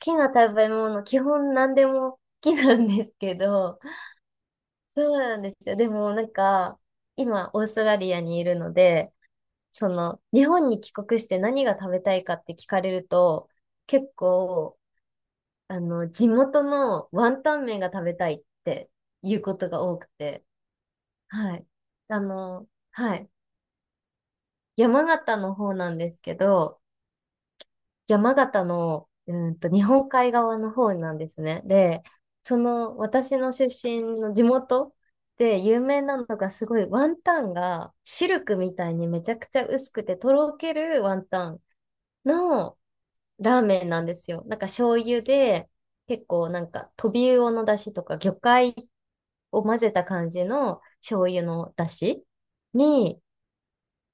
きな食べ物、基本何でも好きなんですけど、そうなんですよ。でもなんか、今、オーストラリアにいるので、日本に帰国して何が食べたいかって聞かれると、結構、地元のワンタン麺が食べたいっていうことが多くて、はい。はい。山形の方なんですけど、山形の、日本海側の方なんですね。で、私の出身の地元で有名なのがすごいワンタンがシルクみたいにめちゃくちゃ薄くてとろけるワンタンのラーメンなんですよ。なんか醤油で結構なんかトビウオの出汁とか魚介を混ぜた感じの醤油の出汁に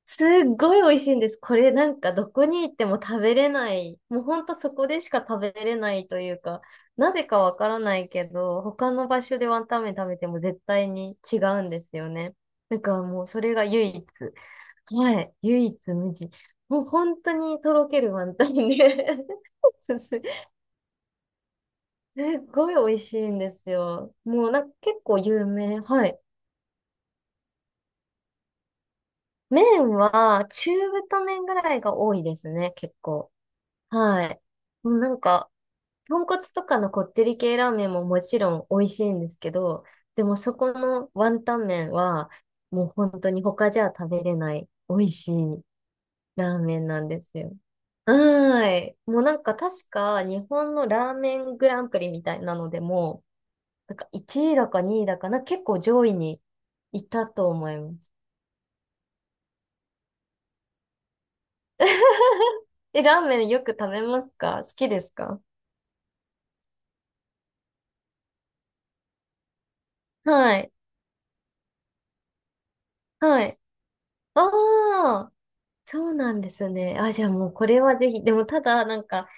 すっごい美味しいんです。これなんかどこに行っても食べれない。もうほんとそこでしか食べれないというか、なぜかわからないけど、他の場所でワンタン麺食べても絶対に違うんですよね。だからもうそれが唯一。はい。唯一無二。もう本当にとろけるワンタンで すすごい美味しいんですよ。もうなんか結構有名。はい。麺は中太麺ぐらいが多いですね、結構。はい。もうなんか、豚骨とかのこってり系ラーメンももちろん美味しいんですけど、でもそこのワンタン麺は、もう本当に他じゃ食べれない美味しいラーメンなんですよ。はーい。もうなんか確か日本のラーメングランプリみたいなのでも、なんか1位だか2位だかな、結構上位にいたと思います。え、ラーメンよく食べますか？好きですか？はい。はい。ああ。そうなんですね。あ、じゃあもうこれはぜひ、でもただ、なんか、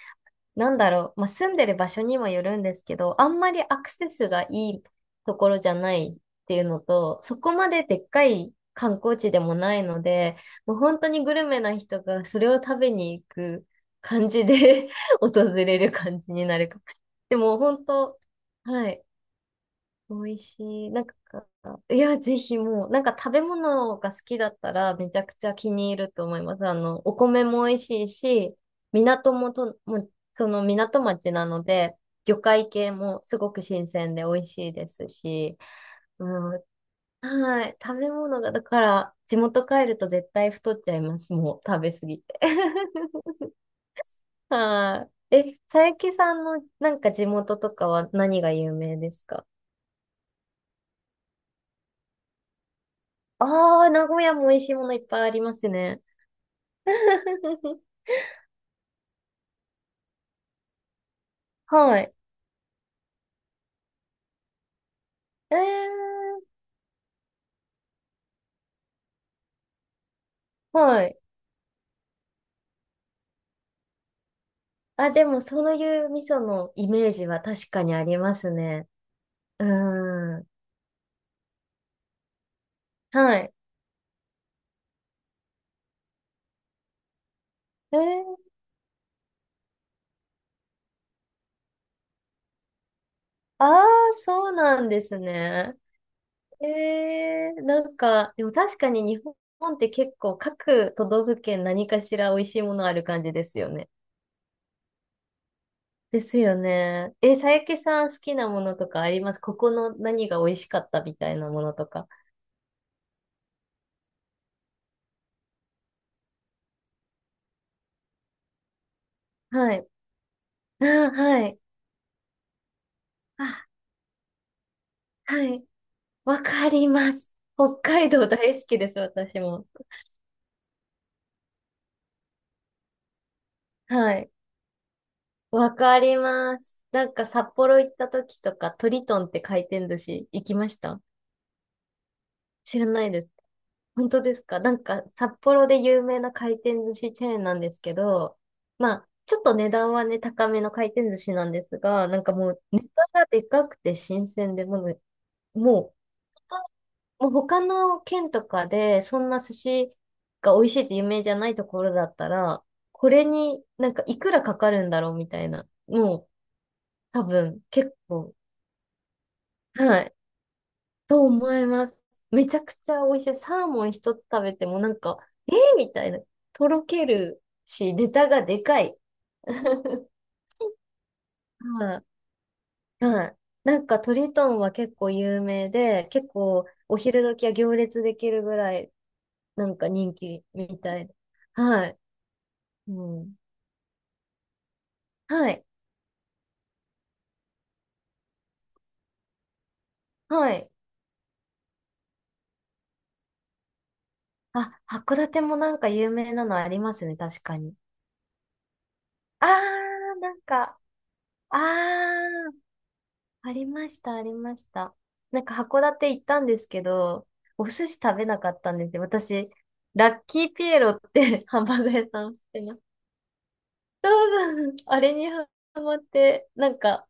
なんだろう、まあ、住んでる場所にもよるんですけど、あんまりアクセスがいいところじゃないっていうのと、そこまででっかい観光地でもないので、もう本当にグルメな人がそれを食べに行く感じで 訪れる感じになるかも。でも本当、はい。美味しい。なんか、いや、ぜひもう、なんか食べ物が好きだったらめちゃくちゃ気に入ると思います。お米も美味しいし、港もと、もう、その港町なので、魚介系もすごく新鮮で美味しいですし、うん、はい、食べ物が、だから、地元帰ると絶対太っちゃいます。もう、食べ過ぎて。はい。え、佐伯さんのなんか地元とかは何が有名ですか？ああ、名古屋も美味しいものいっぱいありますね。はい。えー、はい。あ、でも、そういう味噌のイメージは確かにありますね。うーん。はい。えー、ああ、そうなんですね。なんか、でも確かに日本って結構各都道府県何かしら美味しいものある感じですよね。ですよね。え、佐伯さん好きなものとかありますここの何が美味しかったみたいなものとか。はい。あ、はい。あ、はい。わかります。北海道大好きです、私も。はい。わかります。なんか札幌行った時とか、トリトンって回転寿司行きました？知らないです。本当ですか？なんか札幌で有名な回転寿司チェーンなんですけど、まあ、ちょっと値段はね、高めの回転寿司なんですが、なんかもうネタがでかくて新鮮で、もうもう他の県とかで、そんな寿司が美味しいって有名じゃないところだったら、これになんかいくらかかるんだろうみたいな。もう多分結構、はい、と思います。めちゃくちゃ美味しい。サーモン一つ食べてもなんか、えー、みたいな。とろけるし、ネタがでかい。はい。はい。なんかトリトンは結構有名で、結構お昼時は行列できるぐらいなんか人気みたい。はい。うん。はい。はい。あ、函館もなんか有名なのありますね、確かに。あー、なんか、あー、ありました、ありました。なんか函館行ったんですけど、お寿司食べなかったんですよ。私、ラッキーピエロって ハンバーガー屋さんをしてます。そうそう、あれにハマって、なんか、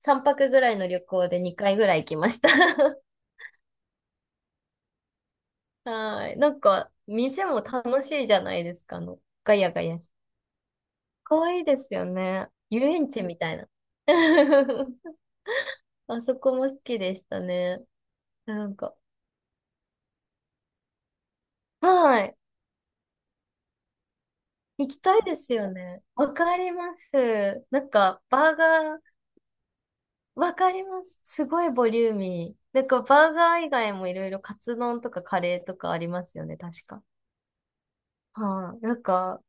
3泊ぐらいの旅行で2回ぐらい行きました。はい。なんか、店も楽しいじゃないですか、ガヤガヤかわいいですよね。遊園地みたいな。あそこも好きでしたね。なんか、はい。行きたいですよね。わかります。なんか、バーガー、わかります。すごいボリューミー。なんか、バーガー以外もいろいろカツ丼とかカレーとかありますよね、確か。はい。なんか、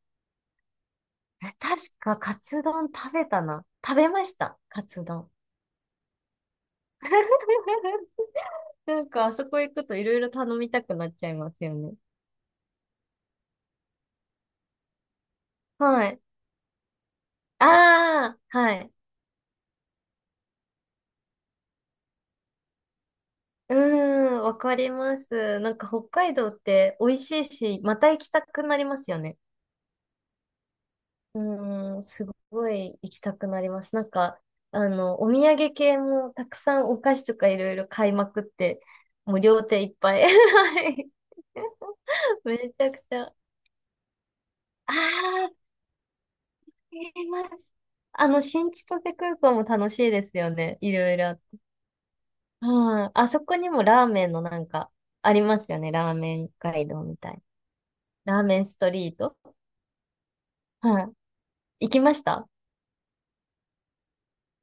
確かカツ丼食べたな。食べました、カツ丼。なんか、あそこ行くといろいろ頼みたくなっちゃいますよね。はい。ああ、はい。うーん、わかります。なんか北海道って美味しいし、また行きたくなりますよね。うーん、すごい行きたくなります。なんか、お土産系もたくさんお菓子とかいろいろ買いまくって、もう両手いっぱい。はい。めちゃくちゃ。ああ、あります。新千歳空港も楽しいですよね。いろいろあっああ、あそこにもラーメンのなんか、ありますよね。ラーメン街道みたいな。ラーメンストリートはい 行きました？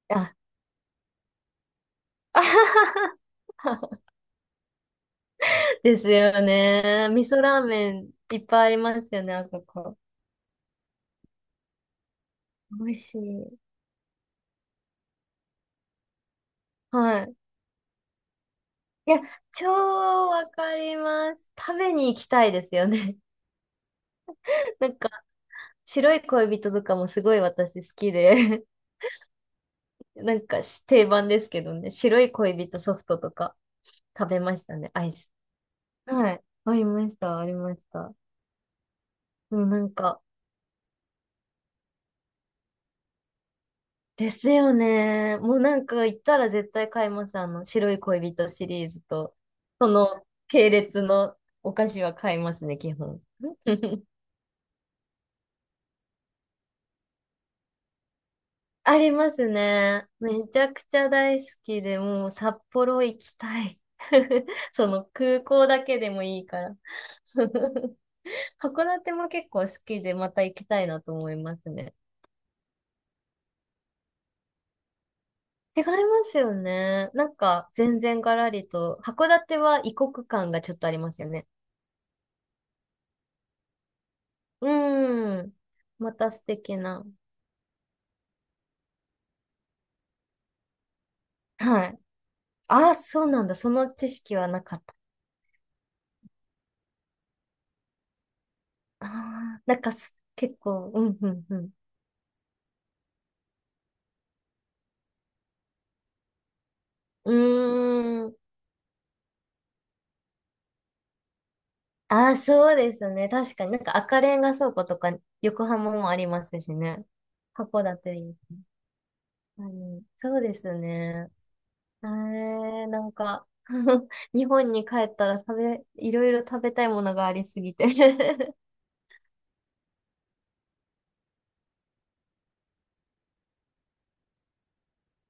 あ、あははは ですよね。味噌ラーメンいっぱいありますよね、あそこ。美味しい。はい。いや、超わかります。食べに行きたいですよね。なんか、白い恋人とかもすごい私好きで、なんかし定番ですけどね、白い恋人ソフトとか食べましたね、アイス。はい。ありました、ありました。もうなんか、ですよね。もうなんか行ったら絶対買います。あの、白い恋人シリーズと、その系列のお菓子は買いますね、基本。ありますね。めちゃくちゃ大好きで、もう札幌行きたい。その空港だけでもいいから。函館も結構好きで、また行きたいなと思いますね。違いますよね。なんか、全然ガラリと、函館は異国感がちょっとありますよね。うーん。また素敵な。はい。ああ、そうなんだ。その知識はなかった。ああ、なんか結構、うん、うん、うん。うーん。ああ、そうですね。確かになんか赤レンガ倉庫とか、横浜もありますしね。函館に。うん、そうですね。なんか、日本に帰ったらいろいろ食べたいものがありすぎて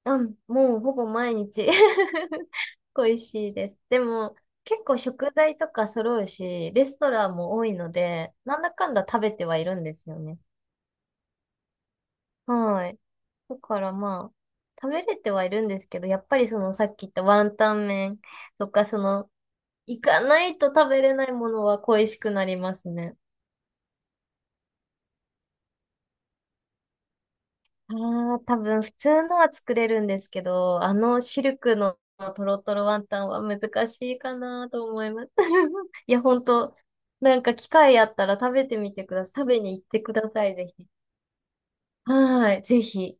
うん、もうほぼ毎日 恋しいです。でも、結構食材とか揃うし、レストランも多いので、なんだかんだ食べてはいるんですよね。はい。だからまあ、食べれてはいるんですけど、やっぱりそのさっき言ったワンタン麺とか、行かないと食べれないものは恋しくなりますね。ああ、多分普通のは作れるんですけど、あのシルクのトロトロワンタンは難しいかなと思います。いや、本当なんか機会あったら食べてみてください。食べに行ってください、ぜひ。はーい、ぜひ。